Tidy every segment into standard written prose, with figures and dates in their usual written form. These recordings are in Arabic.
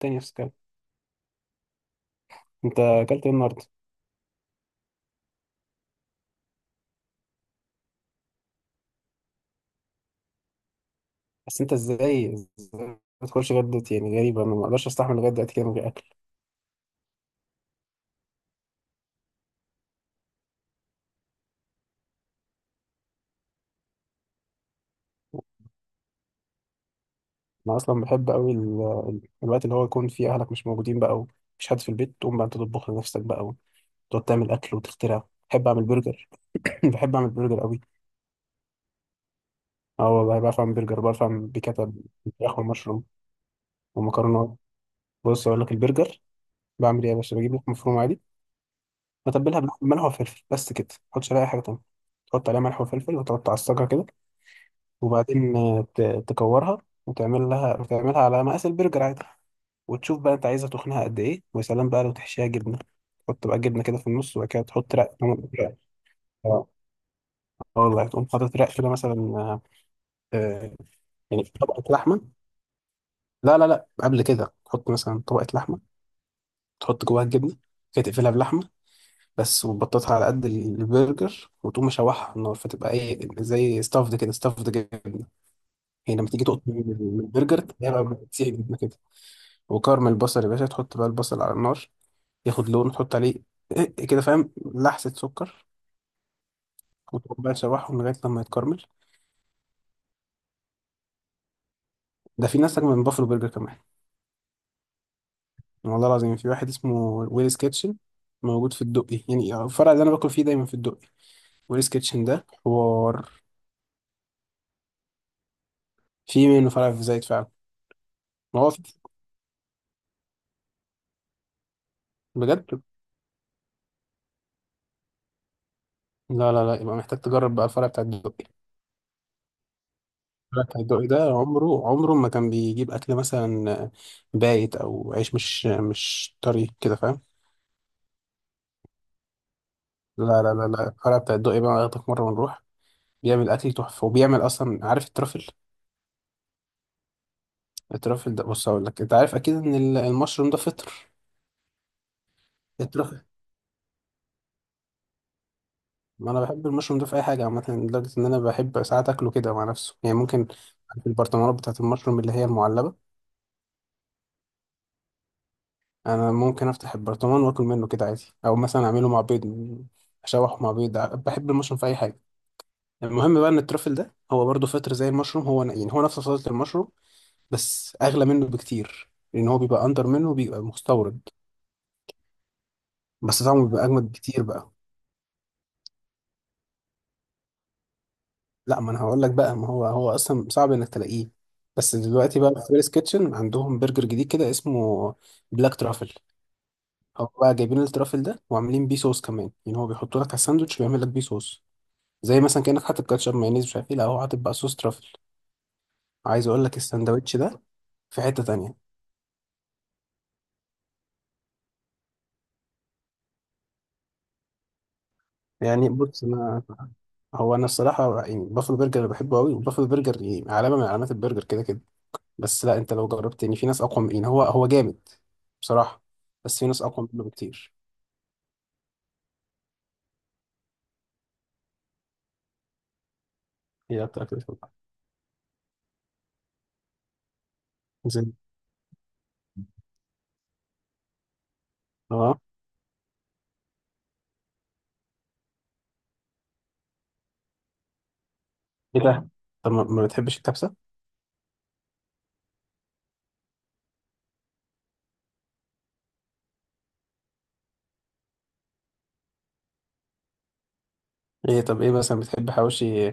تاني نفس الكلام. انت اكلت ايه النهارده؟ بس انت ازاي ما تدخلش غدت؟ يعني غريبه، انا ما اقدرش استحمل لغايه دلوقتي كده من غير اكل. انا اصلا بحب قوي الوقت اللي هو يكون فيه اهلك مش موجودين بقى ومفيش حد في البيت، تقوم بقى انت تطبخ لنفسك بقى وتقعد تعمل اكل وتخترع. بحب اعمل برجر. بحب اعمل برجر قوي. اه والله بعرف اعمل برجر، بعرف اعمل بيكاتا بالفراخ والمشروم والمكرونات. بص اقول لك البرجر بعمل ايه يا باشا. بجيب لك مفروم عادي، بتبلها بملح وفلفل بس كده، ما احطش عليها اي حاجه تانيه. تحط عليها ملح وفلفل وتقعد تعصجها كده، وبعدين تكورها وتعمل لها وتعملها على مقاس البرجر عادي. وتشوف بقى انت عايزه تخنها قد ايه، ويا سلام بقى لو تحشيها جبنه. تحط بقى جبنه كده في النص وبعد كده تحط رق رق. اه، آه والله، تقوم حاطط رق كده مثلا، آه، يعني طبقه لحمه. لا لا لا، قبل كده تحط مثلا طبقه لحمه، تحط جواها الجبنه كده، تقفلها بلحمه بس، وتبططها على قد البرجر وتقوم مشوحها على النار، فتبقى ايه زي ستافد كده، ستافد جبنه. هي لما تيجي تقطم من البرجر، تلاقيها بقى بتسيح جبنه كده. وكرم البصل يا باشا، تحط بقى البصل على النار ياخد لون، تحط عليه إيه كده فاهم، لحسة سكر، وتقوم بقى تشوحهم لغاية لما يتكرمل. ده في ناس أجمل من بافلو برجر كمان. والله العظيم في واحد اسمه ويلز كيتشن، موجود في الدقي. يعني الفرع اللي أنا باكل فيه دايما في الدقي. ويلز كيتشن ده حوار. في منه فرع في زايد فعلا. ما هو في. بجد؟ لا لا لا، يبقى محتاج تجرب بقى الفرع بتاع الدقي. الفرع بتاع الدقي ده عمره عمره ما كان بيجيب أكل مثلا بايت أو عيش مش طري كده فاهم. لا لا لا لا، الفرع بتاع الدقي بقى ياخدك مرة ونروح، بيعمل أكل تحفة، وبيعمل أصلا عارف الترافل. الترافل ده بص هقول لك. أنت عارف أكيد إن المشروم ده فطر. الترافل، ما أنا بحب المشروم ده في أي حاجة عامة، لدرجة إن أنا بحب ساعات أكله كده مع نفسه يعني، ممكن في البرطمانات بتاعة المشروم اللي هي المعلبة، أنا ممكن أفتح البرطمان وآكل منه كده عادي، أو مثلا أعمله مع بيض، أشوحه مع بيض بحب المشروم في أي حاجة. المهم بقى إن الترافل ده هو برضه فطر زي المشروم، هو يعني هو نفس فصيلة المشروم، بس اغلى منه بكتير، لان هو بيبقى اندر منه وبيبقى مستورد، بس طعمه بيبقى اجمد بكتير بقى. لا، ما انا هقول لك بقى. ما هو اصلا صعب انك تلاقيه، بس دلوقتي بقى في فيلز كيتشن عندهم برجر جديد كده اسمه بلاك ترافل. هو بقى جايبين الترافل ده وعاملين بيه صوص كمان، يعني هو بيحطوا لك على الساندوتش ويعمل لك بيه صوص، زي مثلا كانك حاطط كاتشب مايونيز مش عارف ايه، لا هو حاطط بقى صوص ترافل. عايز اقول لك الساندوتش ده في حتة تانية. يعني بص انا، هو انا الصراحه يعني بافلو برجر اللي بحبه قوي، وبافلو برجر يعني علامه من علامات البرجر كده كده، بس لا انت لو جربت، يعني في ناس اقوى من، يعني هو جامد بصراحه، بس في ناس اقوى منه بكتير. هي اكتر اكله بحبها زي. اه. ايه ده؟ طب ما بتحبش الكبسه؟ ايه، طب ايه مثلا بتحب حواوشي؟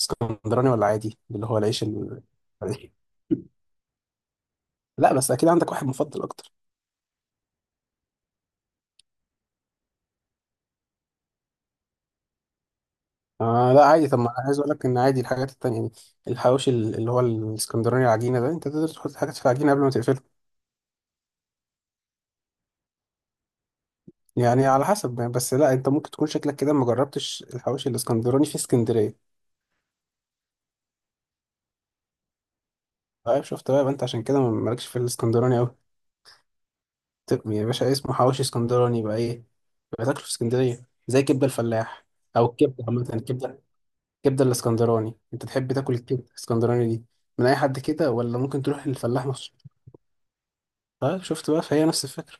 اسكندراني ولا عادي اللي هو العيش لا بس اكيد عندك واحد مفضل اكتر. آه لا عادي. طب ما انا عايز اقول لك ان عادي الحاجات التانية يعني. الحواوشي اللي هو الاسكندراني العجينه ده، انت تقدر تحط حاجات في العجينه قبل ما تقفلها. يعني على حسب يعني، بس لا انت ممكن تكون شكلك كده ما جربتش الحواوشي الاسكندراني في اسكندريه. طيب شفت بقى، يبقى انت عشان كده مالكش في الاسكندراني قوي. طب يا باشا، إيه اسمه حواوشي اسكندراني بقى ايه. يبقى تاكله في اسكندريه، زي كبده الفلاح، او الكبده عامه، الكبده، الكبده الاسكندراني. انت تحب تاكل الكبده الاسكندراني دي من اي حد كده، ولا ممكن تروح للفلاح مخصوص؟ طيب شفت بقى، فهي نفس الفكره.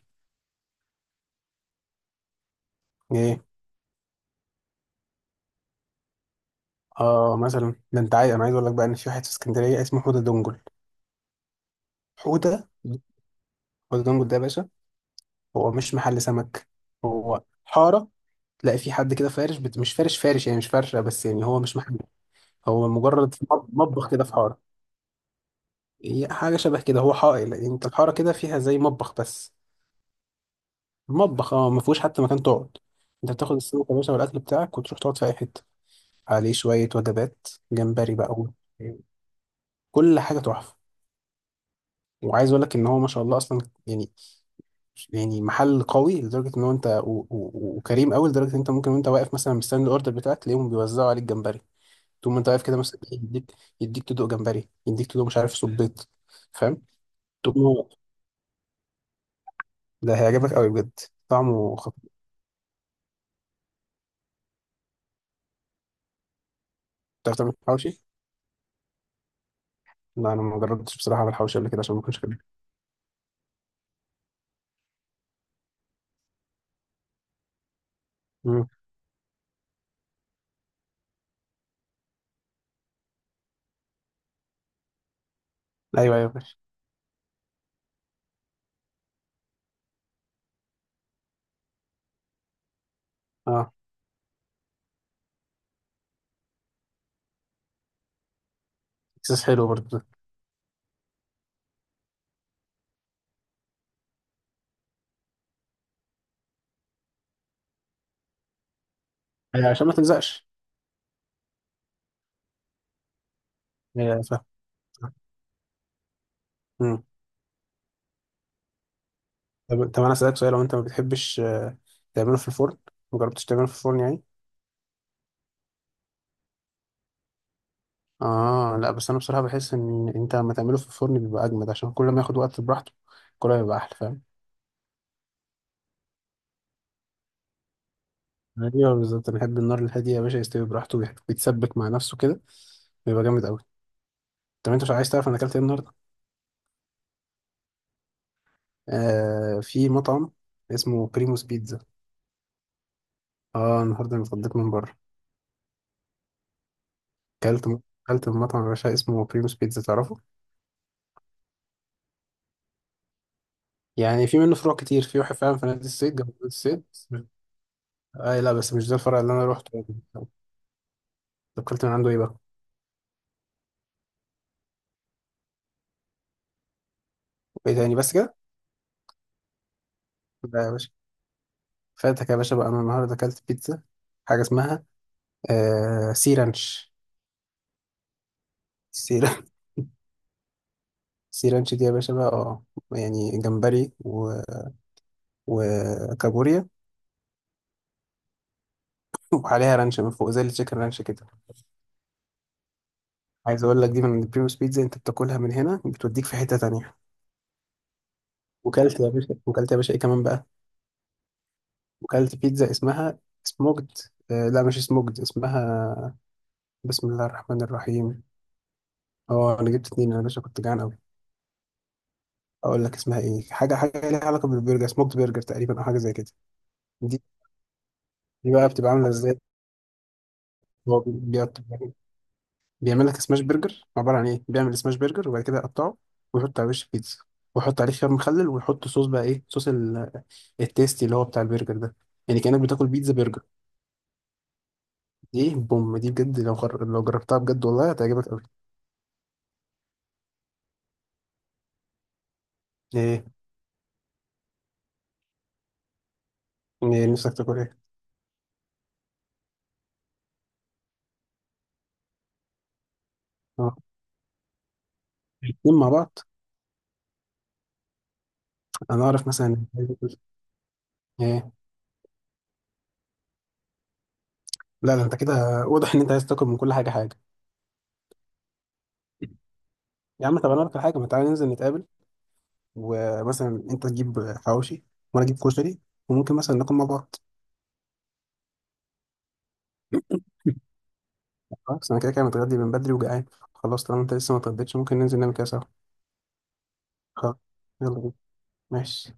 ايه. اه، مثلا ده انت عايز، انا عايز اقول لك بقى ان في واحد في اسكندريه اسمه حوده دنجل. حوده. حوده دنجل ده يا باشا هو مش محل سمك، هو حارة. تلاقي في حد كده فارش مش فارش فارش، يعني مش فرشة بس، يعني هو مش محل، هو مجرد مطبخ كده في حارة. هي حاجة شبه كده. هو حائل يعني، انت الحارة كده فيها زي مطبخ بس. المطبخ اه ما فيهوش حتى مكان تقعد. انت بتاخد السمك يا باشا والاكل بتاعك وتروح تقعد في اي حتة. عليه شوية وجبات جمبري بقى و- كل حاجة تحفة. وعايز اقول لك ان هو ما شاء الله اصلا يعني، يعني محل قوي لدرجه ان هو انت وكريم قوي لدرجه ان انت ممكن وانت واقف مثلا مستني الاوردر بتاعك تلاقيهم بيوزعوا عليك جمبري. تقوم انت واقف كده مثلا، يديك تدوق جمبري، يديك تدوق مش عارف صبيط، فاهم. تقوم ده هيعجبك قوي بجد. طعمه خطير. بتعرف تعمل حواوشي؟ لا انا ما جربتش بصراحه اعمل حواوشي قبل كده عشان ما اكونش كده. مم. ايوه ايوه ماشي. اه. احساس حلو برضه ده. أيوة، عشان ما تلزقش. ايوه فاهم. مم. طب انا اسالك سؤال، لو انت ما بتحبش تعمله في الفرن، ما جربتش تعمله في الفرن يعني؟ اه لا، بس انا بصراحه بحس ان انت لما تعمله في الفرن بيبقى اجمد، عشان كل ما ياخد وقت براحته كل ما يبقى احلى، فاهم. ايوه بالظبط، انا بحب النار الهاديه يا باشا، يستوي براحته ويتسبك مع نفسه كده، بيبقى جامد قوي. طب انت مش عايز تعرف انا اكلت ايه النهارده؟ آه في مطعم اسمه بريموس بيتزا. اه النهارده انا اتغديت من بره. اكلت م- اكلت من مطعم يا باشا اسمه بريموس بيتزا، تعرفه؟ يعني في منه فروع كتير، في واحد فعلا في نادي الصيد، جنب نادي الصيد. آه لا بس مش ده الفرع اللي انا روحته. طب اكلت من عنده ايه بقى؟ ايه تاني بس كده؟ لا يا باشا، فاتك يا باشا بقى. انا النهارده اكلت بيتزا حاجه اسمها آه سيرانش. سيرانش. سيرانش دي يا باشا بقى اه، يعني جمبري و... وكابوريا، وعليها رانش من فوق زي التشيكن رانش كده. عايز اقول لك دي من بريموس بيتزا، انت بتاكلها من هنا بتوديك في حته تانية. وكلت يا باشا، وكلت يا باشا ايه كمان بقى، وكلت بيتزا اسمها سموكد، آه لا مش سموكد اسمها. بسم الله الرحمن الرحيم. اه انا جبت اتنين، انا يا باشا كنت جعان قوي. اقول لك اسمها ايه، حاجه حاجه ليها علاقه بالبرجر، سموكد برجر تقريبا او حاجه زي كده. دي دي بقى بتبقى عامله ازاي؟ هو بيعمل لك سماش برجر، عباره عن ايه، بيعمل سماش برجر وبعد كده يقطعه ويحط على وش بيتزا، ويحط عليه خيار مخلل ويحط صوص بقى ايه صوص التيستي اللي هو بتاع البرجر ده. يعني كانك بتاكل بيتزا برجر. دي بوم، دي بجد لو لو جربتها بجد والله هتعجبك قوي. ايه؟ ايه نفسك تاكل ايه؟ اه الاتنين مع بعض. انا اعرف مثلا. ايه. لا ده انت كده واضح ان انت عايز تاكل من كل حاجه حاجه. يا عم طب انا اقول لك على حاجه، ما تعالى ننزل نتقابل، ومثلا انت تجيب حواوشي وانا اجيب كشري، وممكن مثلا ناكل مع بعض. خلاص انا كده كده متغدي من بدري وجعان. خلاص، طالما انت لسه ما اتغديتش ممكن ننزل نعمل كده سوا. خلاص. يلا بينا. ماشي.